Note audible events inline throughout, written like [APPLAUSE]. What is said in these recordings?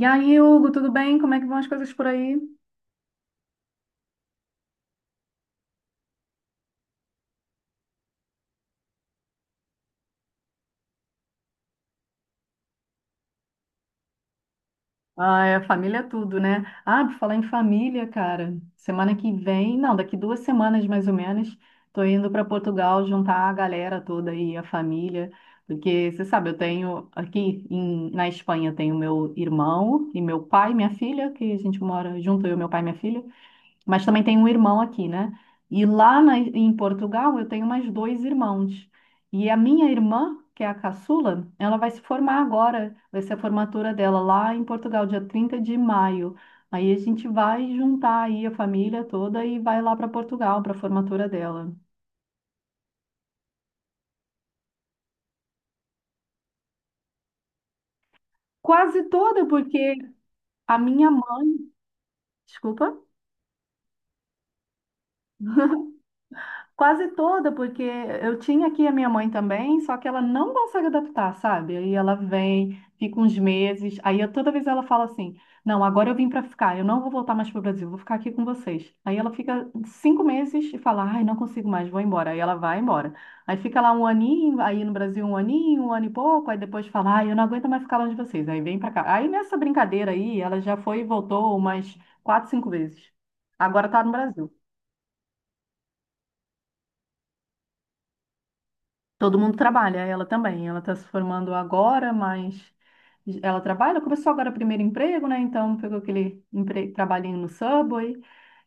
E aí, Hugo, tudo bem? Como é que vão as coisas por aí? Ah, é, família é tudo, né? Ah, por falar em família, cara, semana que vem, não, daqui 2 semanas mais ou menos, tô indo para Portugal juntar a galera toda aí, a família, porque você sabe, eu tenho aqui na Espanha tenho meu irmão e meu pai, e minha filha, que a gente mora junto, eu, meu pai e minha filha. Mas também tenho um irmão aqui, né? E lá em Portugal eu tenho mais dois irmãos. E a minha irmã, que é a caçula, ela vai se formar agora, vai ser a formatura dela lá em Portugal, dia 30 de maio. Aí a gente vai juntar aí a família toda e vai lá para Portugal para a formatura dela. Quase toda, porque a minha mãe, desculpa. Quase toda, porque eu tinha aqui a minha mãe também, só que ela não consegue adaptar, sabe? Aí ela vem, fica uns meses, aí toda vez ela fala assim: Não, agora eu vim para ficar, eu não vou voltar mais para o Brasil, vou ficar aqui com vocês. Aí ela fica 5 meses e fala: Ai, não consigo mais, vou embora. Aí ela vai embora. Aí fica lá um aninho, aí no Brasil um aninho, um ano e pouco, aí depois fala: Ai, eu não aguento mais ficar longe de vocês. Aí vem para cá. Aí nessa brincadeira aí, ela já foi e voltou umas quatro, cinco vezes. Agora tá no Brasil. Todo mundo trabalha, ela também. Ela está se formando agora, mas ela trabalha. Começou agora o primeiro emprego, né? Então pegou aquele trabalhinho no Subway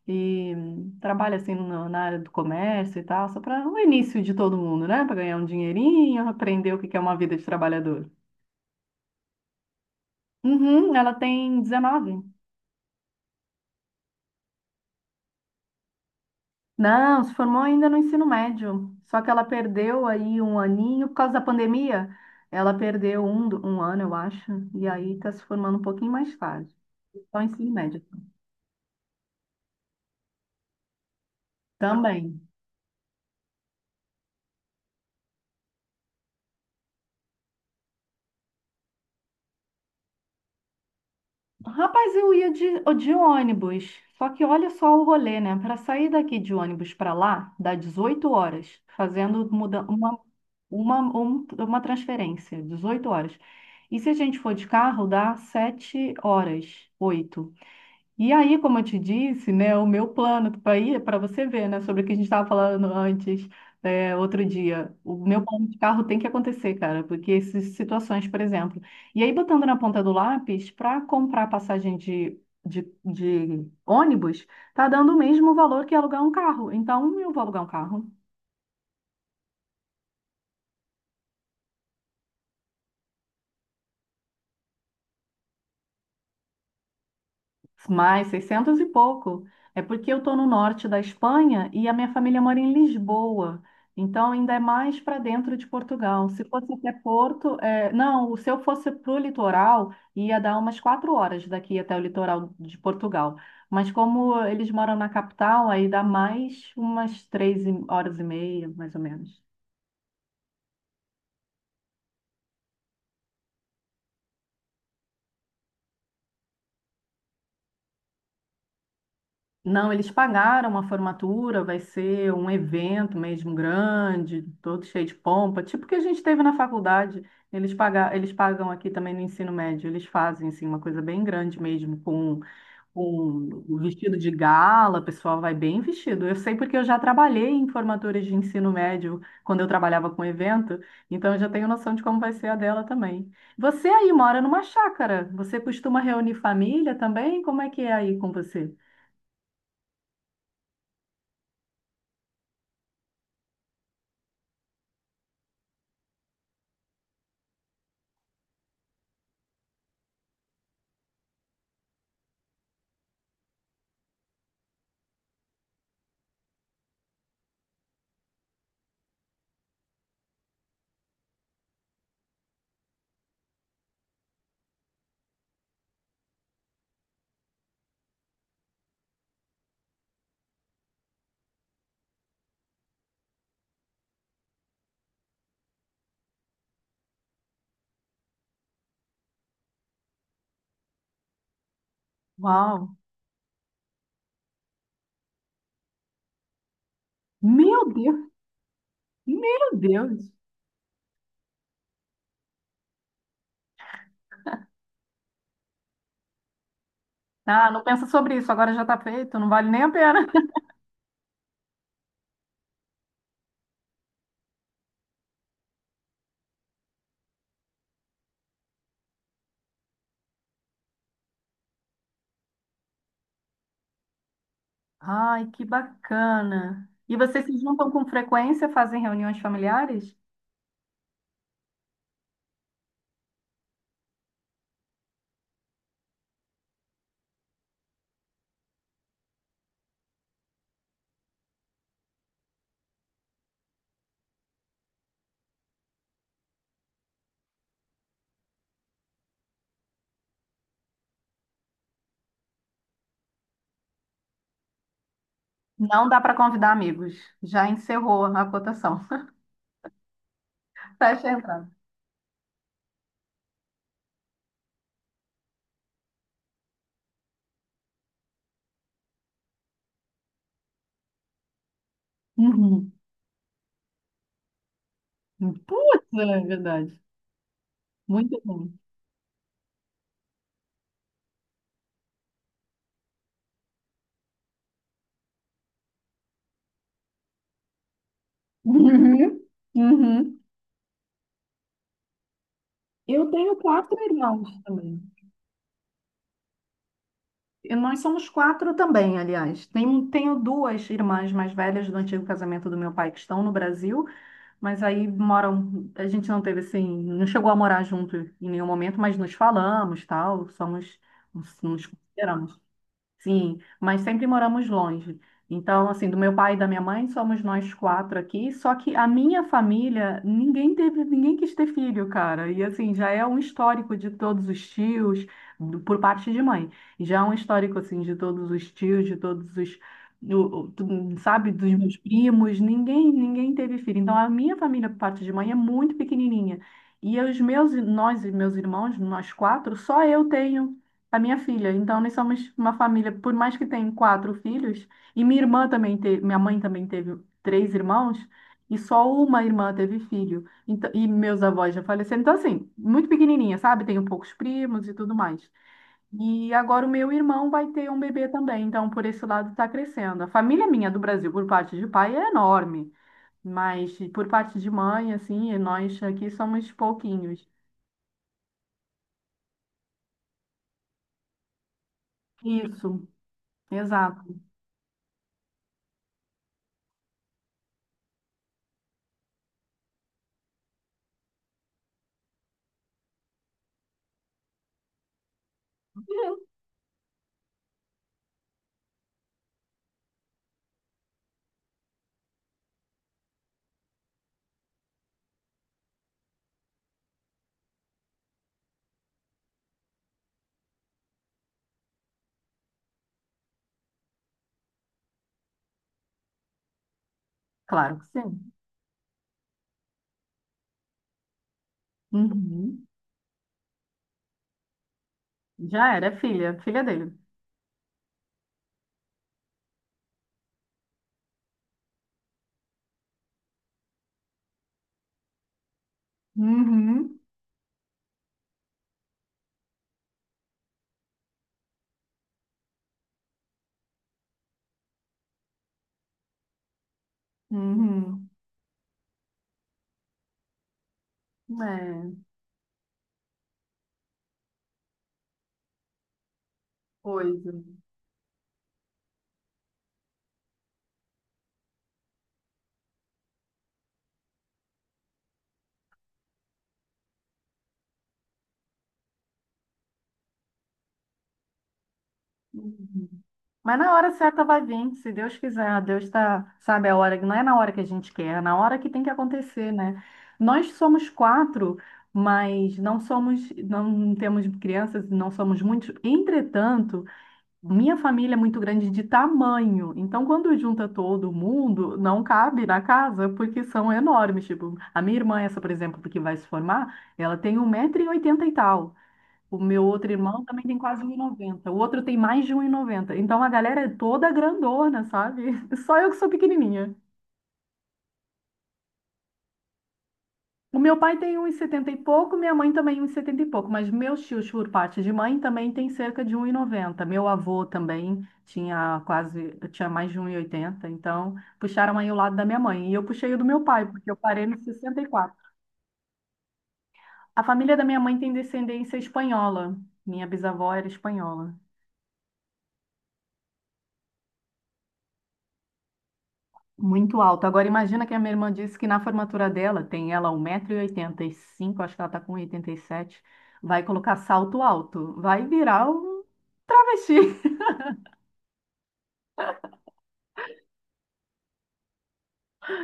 e trabalha assim na área do comércio e tal, só para o início de todo mundo, né? Para ganhar um dinheirinho, aprender o que que é uma vida de trabalhador. Uhum, ela tem 19. Não, se formou ainda no ensino médio. Só que ela perdeu aí um aninho por causa da pandemia. Ela perdeu um, um ano, eu acho, e aí está se formando um pouquinho mais tarde. Só ensino médio também. Rapaz, eu ia de ônibus. Só que olha só o rolê, né? Para sair daqui de ônibus para lá, dá 18 horas, fazendo muda, uma transferência, 18 horas. E se a gente for de carro, dá 7 horas, 8. E aí, como eu te disse, né, o meu plano para ir, para você ver, né, sobre o que a gente estava falando antes, é, outro dia, o meu plano de carro tem que acontecer, cara, porque essas situações, por exemplo. E aí, botando na ponta do lápis, para comprar passagem de ônibus, tá dando o mesmo valor que alugar um carro. Então, eu vou alugar um carro. Mais 600 e pouco. É porque eu estou no norte da Espanha e a minha família mora em Lisboa. Então, ainda é mais para dentro de Portugal. Se fosse até Porto, é, não, se eu fosse para o litoral, ia dar umas 4 horas daqui até o litoral de Portugal. Mas como eles moram na capital, aí dá mais umas três horas e meia, mais ou menos. Não, eles pagaram a formatura, vai ser um evento mesmo grande, todo cheio de pompa, tipo que a gente teve na faculdade. Eles pagam aqui também no ensino médio, eles fazem assim, uma coisa bem grande mesmo, com o vestido de gala, o pessoal vai bem vestido. Eu sei porque eu já trabalhei em formaturas de ensino médio quando eu trabalhava com evento, então eu já tenho noção de como vai ser a dela também. Você aí mora numa chácara, você costuma reunir família também? Como é que é aí com você? Uau! Meu Deus, meu Deus. Ah, não pensa sobre isso, agora já está feito, não vale nem a pena. Ai, que bacana. E vocês se juntam com frequência, fazem reuniões familiares? Não dá para convidar amigos. Já encerrou a cotação. [LAUGHS] Fecha a entrada. Uhum. Putz, é verdade. Muito bom. Uhum. Uhum. Eu tenho quatro irmãos também. E nós somos quatro também, aliás. Tenho duas irmãs mais velhas do antigo casamento do meu pai que estão no Brasil. Mas aí moram, a gente não teve assim, não chegou a morar junto em nenhum momento, mas nos falamos, tal, somos, nos nos consideramos. Sim, mas sempre moramos longe. Então, assim, do meu pai e da minha mãe, somos nós quatro aqui. Só que a minha família, ninguém teve, ninguém quis ter filho, cara. E assim, já é um histórico de todos os tios, por parte de mãe. E já é um histórico, assim, de todos os tios, de todos os, o- o- tu- sabe, dos meus primos. Ninguém teve filho. Então, a minha família, por parte de mãe, é muito pequenininha. E os meus, nós e meus irmãos, nós quatro, só eu tenho a minha filha. Então, nós somos uma família, por mais que tenha quatro filhos, e minha irmã também teve, minha mãe também teve três irmãos, e só uma irmã teve filho. Então, e meus avós já faleceram. Então, assim, muito pequenininha, sabe? Tenho poucos primos e tudo mais. E agora o meu irmão vai ter um bebê também, então por esse lado está crescendo. A família minha do Brasil, por parte de pai, é enorme, mas por parte de mãe, assim, nós aqui somos pouquinhos. Isso, exato. Claro que sim. Uhum. Já era, é filha, filha dele. Uhum, uhum. É, coisa. Uhum. Mas na hora certa vai vir, se Deus quiser. Deus tá, sabe, a hora, não é na hora que a gente quer, é na hora que tem que acontecer, né? Nós somos quatro, mas não somos, não temos crianças, não somos muitos. Entretanto, minha família é muito grande de tamanho, então quando junta todo mundo, não cabe na casa porque são enormes. Tipo, a minha irmã, essa, por exemplo, que vai se formar, ela tem 1,80 m e tal. O meu outro irmão também tem quase 1,90 m. O outro tem mais de 1,90 m. Então a galera é toda grandona, sabe? [LAUGHS] Só eu que sou pequenininha. O meu pai tem uns 70 e pouco, minha mãe também uns 70 e pouco, mas meus tios, por parte de mãe, também tem cerca de 1,90. Meu avô também tinha quase, tinha mais de 1,80, então puxaram aí o lado da minha mãe. E eu puxei o do meu pai, porque eu parei no 64. A família da minha mãe tem descendência espanhola. Minha bisavó era espanhola. Muito alto. Agora imagina que a minha irmã disse que na formatura dela, tem ela 1,85m, acho que ela está com 87, vai colocar salto alto. Vai virar um travesti.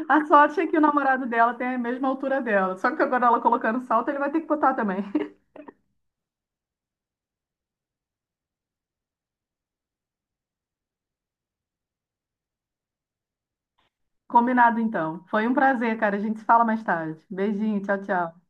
A sorte é que o namorado dela tem a mesma altura dela. Só que agora ela colocando salto, ele vai ter que botar também. [LAUGHS] Combinado então. Foi um prazer, cara. A gente se fala mais tarde. Beijinho, tchau, tchau.